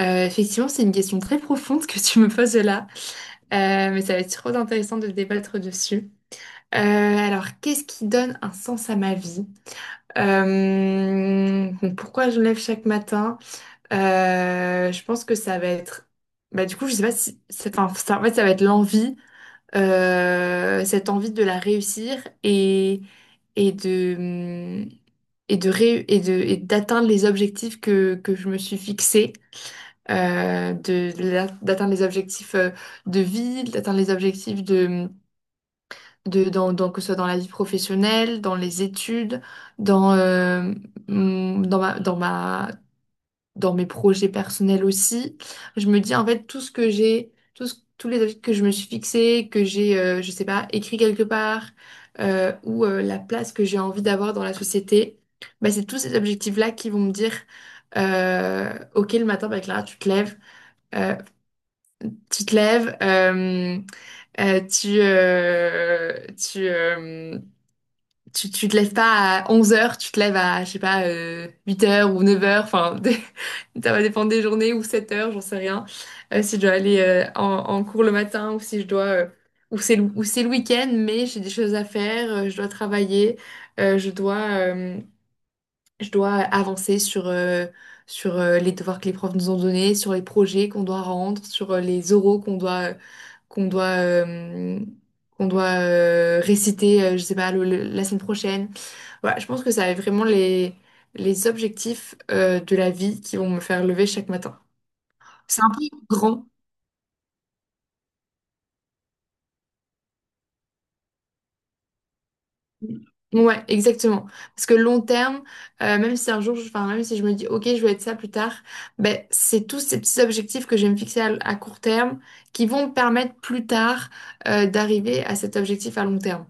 Effectivement, c'est une question très profonde que tu me poses là. Mais ça va être trop intéressant de débattre dessus. Alors, qu'est-ce qui donne un sens à ma vie? Donc, pourquoi je me lève chaque matin? Je pense que ça va être... Bah, du coup, je sais pas si... enfin, ça, en fait, ça va être l'envie, cette envie de la réussir et, et de... Et de ré- et de, et d'atteindre les objectifs que je me suis fixés. D'atteindre les objectifs de vie, d'atteindre les objectifs que ce soit dans la vie professionnelle, dans les études, dans, mm, dans ma, dans ma, dans mes projets personnels aussi. Je me dis, en fait, tout ce que j'ai, tout ce- tous les objectifs que je me suis fixés, que j'ai, je sais pas, écrit quelque part, ou la place que j'ai envie d'avoir dans la société. Bah, c'est tous ces objectifs-là qui vont me dire, OK, le matin, bah, Clara, tu te lèves. Euh, tu te lèves, tu, tu, tu, Tu te lèves pas à 11h, tu te lèves à, je sais pas, 8h ou 9h, enfin, ça va dépendre des journées, ou 7h, j'en sais rien. Si je dois aller en cours le matin, ou si je dois, ou c'est le week-end, mais j'ai des choses à faire. Je dois travailler, euh, je dois, euh, je dois avancer sur les devoirs que les profs nous ont donnés, sur les projets qu'on doit rendre, sur les oraux qu'on doit, euh, qu'on doit réciter, je sais pas, la semaine prochaine. Voilà, je pense que ça va être vraiment les objectifs de la vie qui vont me faire lever chaque matin. C'est un peu grand. Ouais, exactement. Parce que long terme, même si un jour, enfin, même si je me dis, OK, je veux être ça plus tard, ben, c'est tous ces petits objectifs que je vais me fixer à court terme qui vont me permettre plus tard d'arriver à cet objectif à long terme.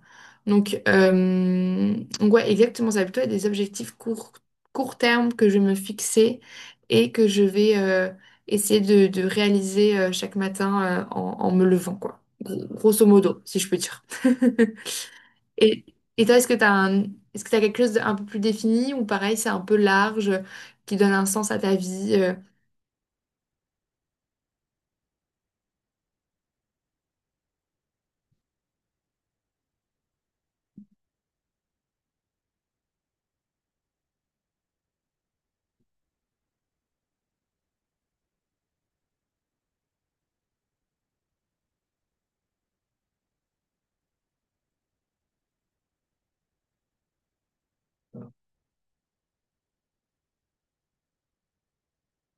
Donc, ouais, exactement. Ça va plutôt être des objectifs court terme que je vais me fixer, et que je vais essayer de réaliser chaque matin, en me levant, quoi. Grosso modo, si je peux dire. Et, et toi, est-ce que tu quelque chose d'un peu plus défini, ou pareil, c'est un peu large, qui donne un sens à ta vie?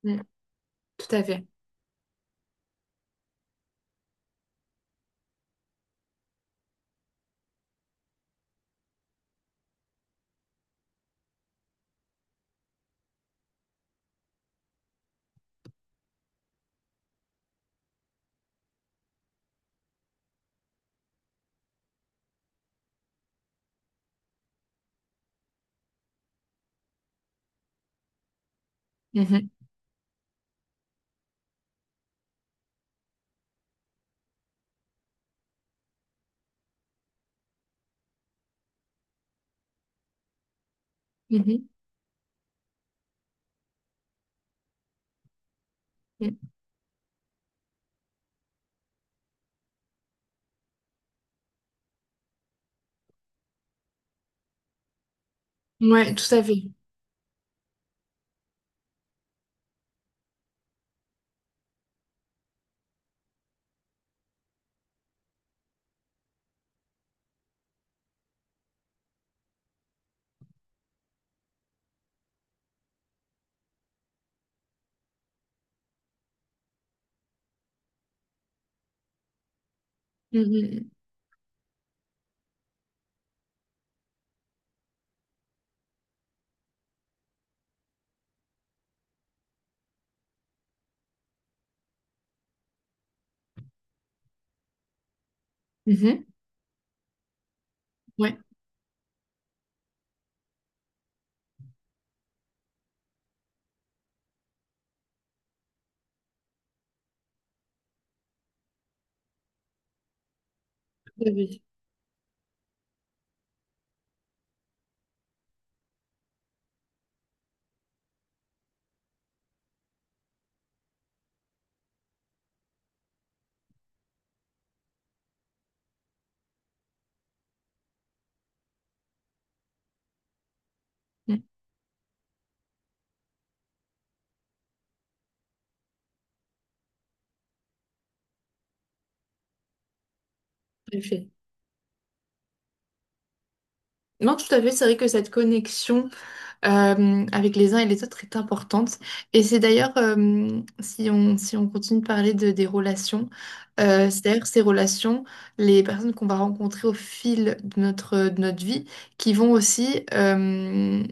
Mm. Tout à fait. Mhm. Mhm. Mm. Ouais, tout à fait. Mhm. Mhm. Ouais, tout à fait. Mm, tout à fait. Non, tout à fait, c'est vrai que cette connexion avec les uns et les autres est importante. Et c'est d'ailleurs, si on continue de parler des relations, c'est d'ailleurs ces relations, les personnes qu'on va rencontrer au fil de de notre vie, qui vont aussi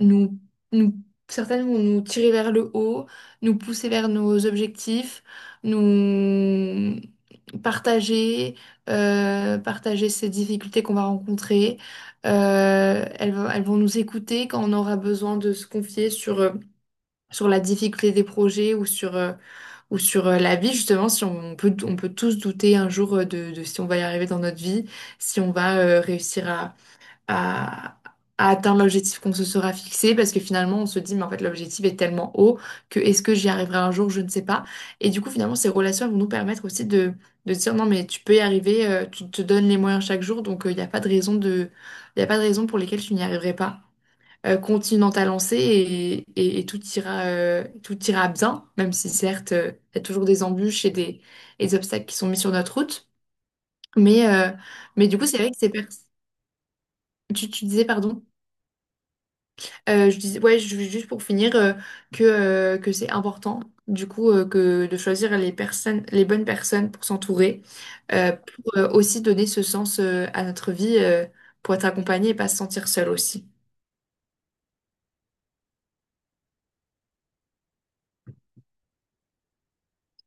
nous, nous, certaines vont nous tirer vers le haut, nous pousser vers nos objectifs, nous, partager, partager ces difficultés qu'on va rencontrer. Elles vont nous écouter quand on aura besoin de se confier sur la difficulté des projets, ou sur la vie, justement, si on, on peut tous douter un jour, de si on va y arriver dans notre vie, si on va réussir à, à atteindre l'objectif qu'on se sera fixé, parce que finalement on se dit, mais en fait l'objectif est tellement haut que est-ce que j'y arriverai un jour, je ne sais pas. Et du coup, finalement, ces relations, elles vont nous permettre aussi de dire non, mais tu peux y arriver, tu te donnes les moyens chaque jour, donc il n'y a pas de raison il y a pas de raison pour lesquelles tu n'y arriverais pas. Continue dans ta lancée, et tout ira bien, même si certes, il y a toujours des embûches et des obstacles qui sont mis sur notre route. Mais, euh, mais du coup, c'est vrai que Tu, disais, pardon? Je disais, ouais, juste pour finir, que c'est important, du coup, que de choisir les personnes, les bonnes personnes pour s'entourer, pour aussi donner ce sens à notre vie, pour être accompagné et pas se sentir seul aussi.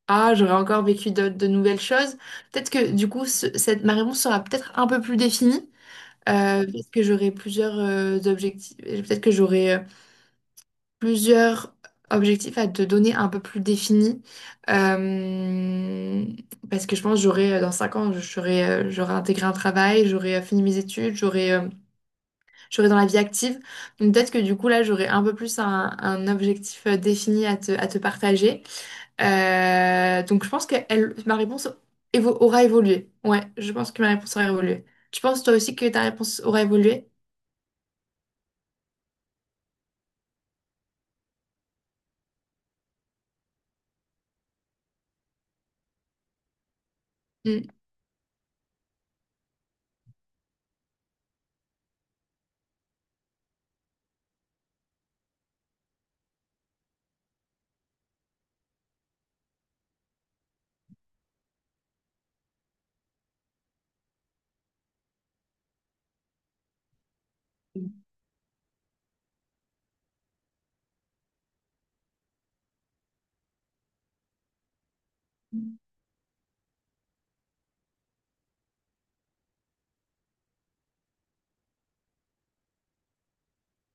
Ah, j'aurais encore vécu de nouvelles choses. Peut-être que, du coup, ma réponse sera peut-être un peu plus définie, parce que j'aurai plusieurs objectifs. Peut-être que j'aurai plusieurs objectifs à te donner un peu plus définis. Euh, Parce que je pense que dans 5 ans, j'aurai intégré un travail, j'aurai fini mes études, j'aurai dans la vie active. Donc peut-être que du coup, là, j'aurai un peu plus un objectif défini à à te partager. Donc je pense que ma réponse aura évolué. Ouais, je pense que ma réponse aura évolué. Tu penses toi aussi que ta réponse aura évolué? Mm,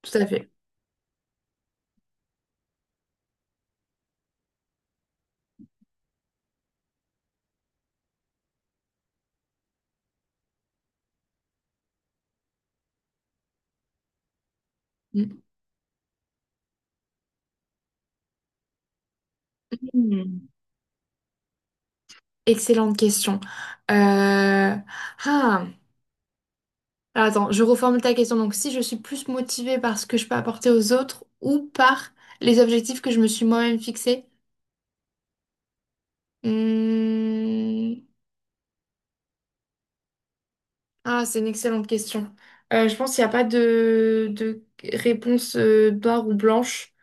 tout à fait. Mm. Excellente question. Euh, Ah, Alors, attends, je reformule ta question. Donc, si je suis plus motivée par ce que je peux apporter aux autres, ou par les objectifs que je me suis moi-même fixés? Hmm. Ah, c'est une excellente question. Je pense qu'il n'y a pas de réponse noire ou blanche.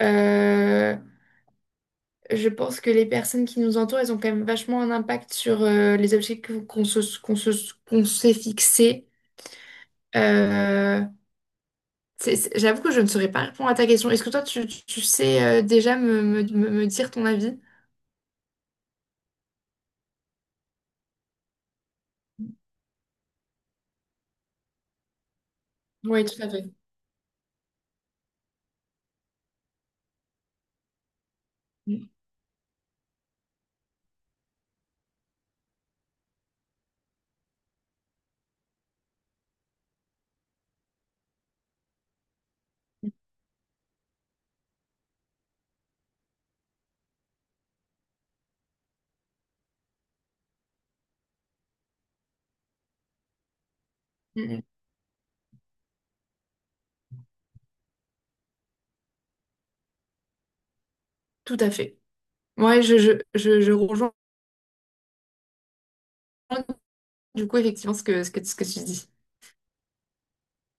Euh, je pense que les personnes qui nous entourent, elles ont quand même vachement un impact sur les objectifs qu'on s'est fixés. Euh, J'avoue que je ne saurais pas répondre à ta question. Est-ce que toi, sais déjà me dire ton avis? Oui, tout à fait. Mm. Mm. Tout à fait. Ouais, je rejoins du coup effectivement ce que tu dis.